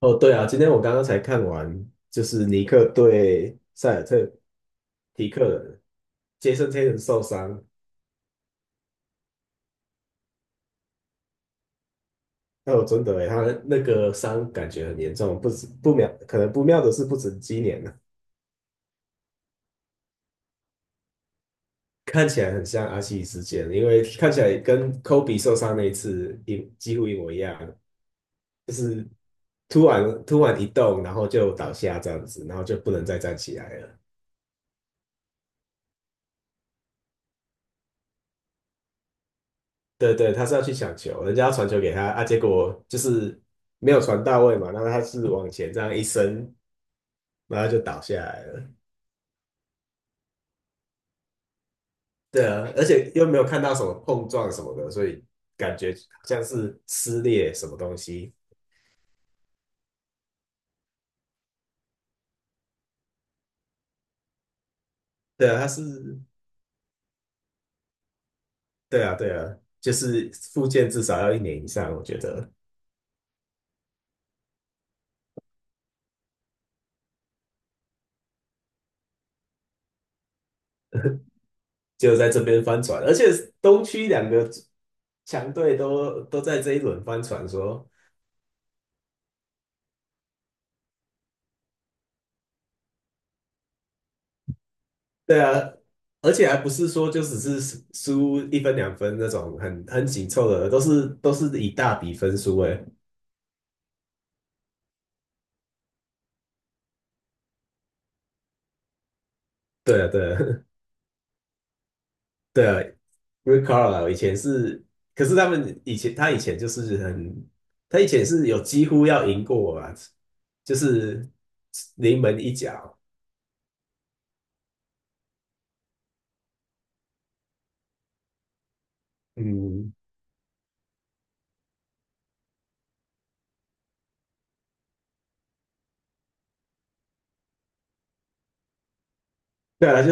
哦，对啊，今天我刚刚才看完，就是尼克对塞尔特提克人，杰森泰伦受伤。哦，真的欸，他那个伤感觉很严重，不止不妙，可能不妙的是不止今年了。看起来很像阿西事件，因为看起来跟科比受伤那一次几乎一模一样。突然一动，然后就倒下这样子，然后就不能再站起来了。对对，他是要去抢球，人家要传球给他啊，结果就是没有传到位嘛，那他是往前这样一伸。然后就倒下来了。对啊，而且又没有看到什么碰撞什么的，所以感觉好像是撕裂什么东西。对啊，它是。对啊，对啊，就是复健至少要一年以上，我觉得就在这边翻船，而且东区两个强队都在这一轮翻船说。对啊，而且还不是说就只是输一分两分那种很紧凑的，都是以大比分输诶。对啊，对啊，对，Rick Carlisle 以前是，可是他以前就是很，他以前是有几乎要赢过我啊，就是临门一脚。嗯，对啊，就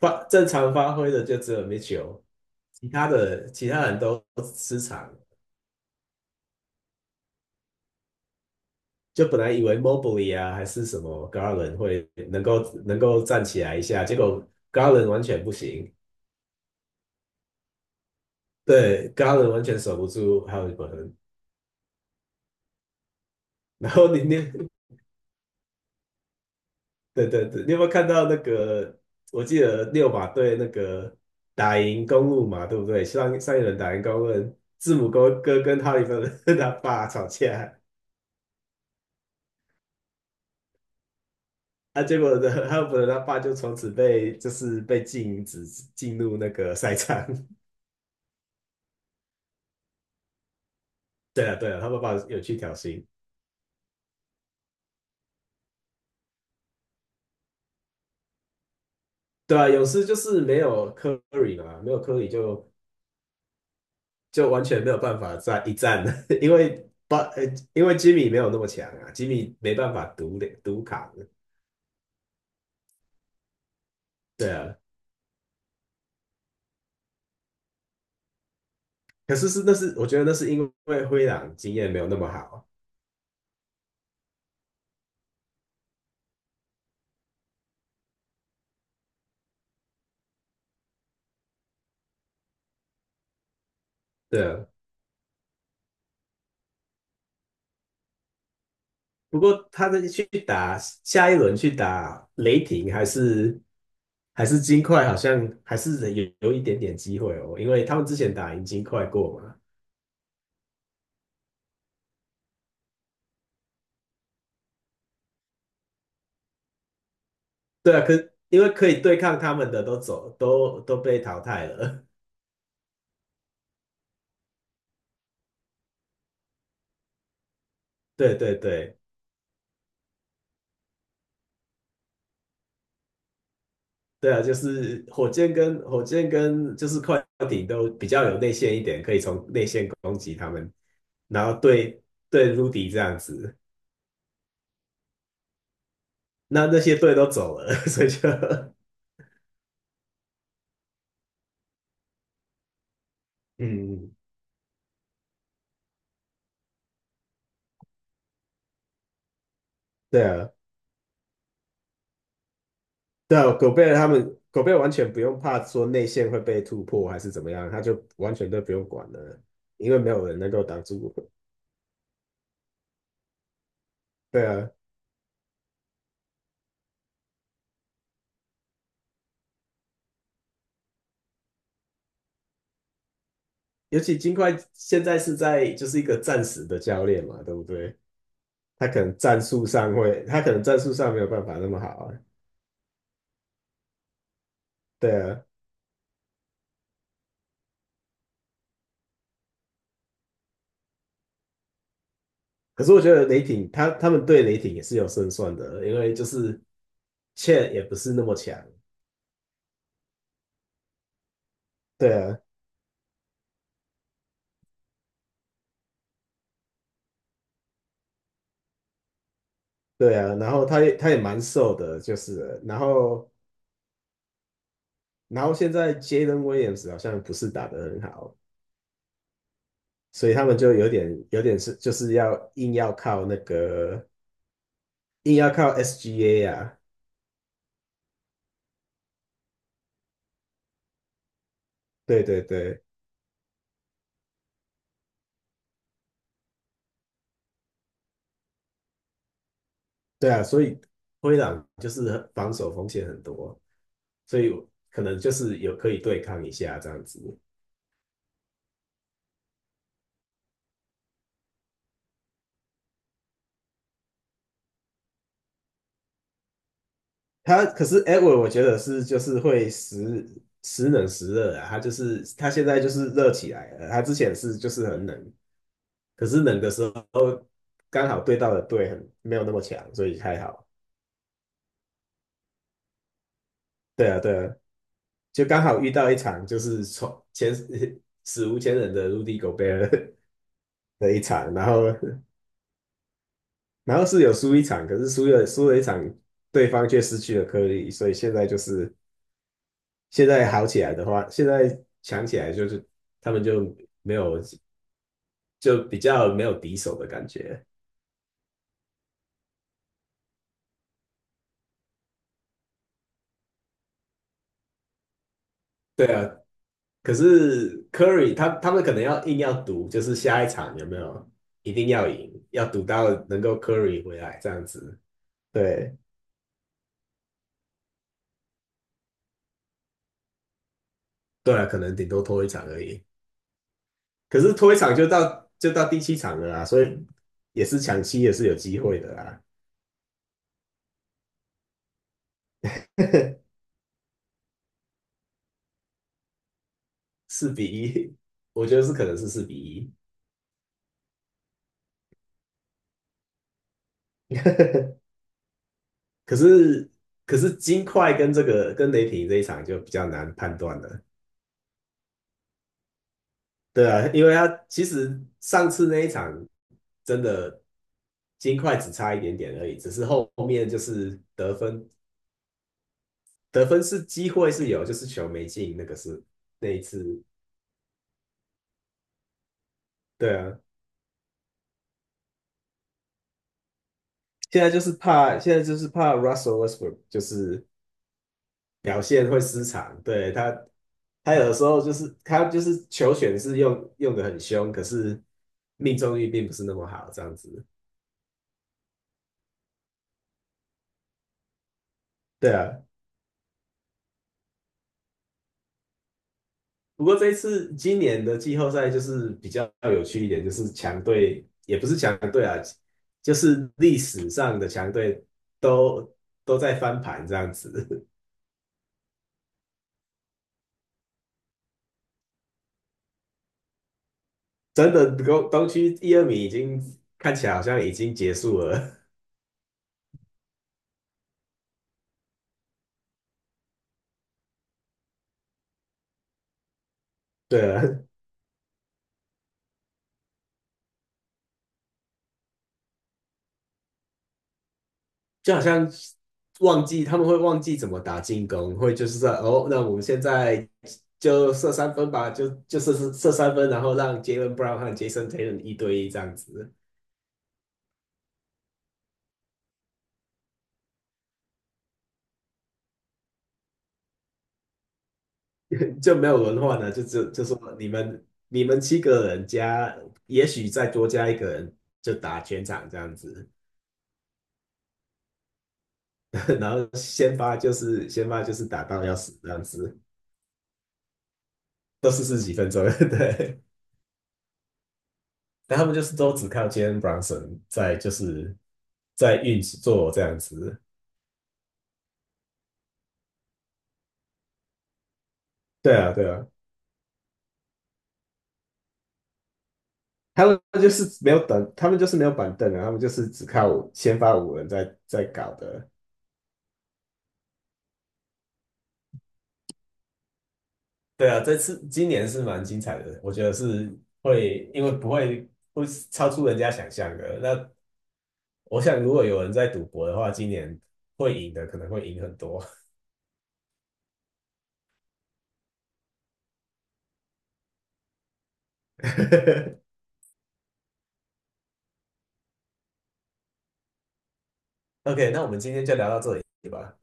发正常发挥的就只有 Mitchell，其他人都失常。就本来以为 Mobley 啊还是什么 Garland 会能够站起来一下，结果 Garland 完全不行。对，Garland 完全守不住 Halliburton。然后对对对，你有没有看到那个？我记得六马队那个打赢公路嘛，对不对？上一轮打赢公路，字母哥跟哈利芬他爸吵架。啊，结果呢，哈利芬他爸就从此被就是被禁止进入那个赛场。对啊，对啊，他爸爸有去挑衅。对啊，勇士就是没有科里嘛，没有科里就完全没有办法再一战了，因为巴呃，因为吉米没有那么强啊，吉米没办法独扛。对啊，可是那是我觉得那是因为灰狼经验没有那么好。对啊。不过他的去打下一轮去打雷霆还是金块，好像还是有一点点机会哦，因为他们之前打赢金块过嘛。对啊，因为可以对抗他们的都走都被淘汰了。对对对对啊，就是火箭跟就是快艇都比较有内线一点，可以从内线攻击他们。然后对对 Rudy 这样子。那些队都走了，所以就嗯，对啊，对啊，狗贝尔完全不用怕说内线会被突破还是怎么样，他就完全都不用管了，因为没有人能够挡住。对啊，尤其金块现在就是一个暂时的教练嘛，对不对？他可能战术上没有办法那么好啊。对啊，可是我觉得雷霆他们对雷霆也是有胜算的，因为就是 CHA 也不是那么强。对啊，对啊，然后他也蛮瘦的，就是了然后现在 Jalen Williams 好像不是打得很好，所以他们就有点就是要硬要靠 SGA 啊，对对对对啊，所以灰狼就是防守风险很多，所以可能就是有可以对抗一下这样子。他可是 Edward，我觉得就是会时冷时热啊，他现在就是热起来了，他之前就是很冷。可是冷的时候刚好对到的队没有那么强，所以还好。对啊，对啊，就刚好遇到一场就是史无前人的 Rudy Gobert 的一场，然后是有输一场，可是输了一场，对方却失去了颗粒，所以现在好起来的话，现在强起来就是他们就没有就比较没有敌手的感觉。对啊，可是 Curry 他们可能要硬要赌，就是下一场有没有一定要赢，要赌到能够 Curry 回来这样子。对，对啊，可能顶多拖一场而已。可是拖一场就到第七场了啊，所以也是抢七也是有机会的啦。四比一，我觉得可能是四比一。可是可是金块跟雷霆这一场就比较难判断了。对啊，因为他其实上次那一场真的金块只差一点点而已，只是后面就是得分，得分是机会是有，就是球没进，那个是那一次。对啊，现在就是怕 Russell Westbrook 就是表现会失常，对他。他有的时候就是他就是球权是用的很凶，可是命中率并不是那么好，这样子。对啊，不过这一次今年的季后赛就是比较有趣一点，就是强队也不是强队啊，就是历史上的强队都都在翻盘这样子。真的东区一二名看起来好像已经结束了。对啊，就好像他们会忘记怎么打进攻，会就是说哦，那我们现在就射三分吧，就射三分，然后让杰伦 Brown 和杰森 Tatum 一对一这样子。就没有文化呢，就说你们七个人加，也许再多加一个人就打全场这样子，然后先发就是打到要死这样子，都是40几分钟，对，但他们就是都只靠 Jalen Brunson 在就是在运作这样子，对啊对啊，他们就是没有板凳啊，他们就是只靠先发五人在搞的。对啊，这次今年是蛮精彩的，我觉得是会，因为不会会超出人家想象的。那我想，如果有人在赌博的话，今年会赢的可能会赢很多。OK，那我们今天就聊到这里吧。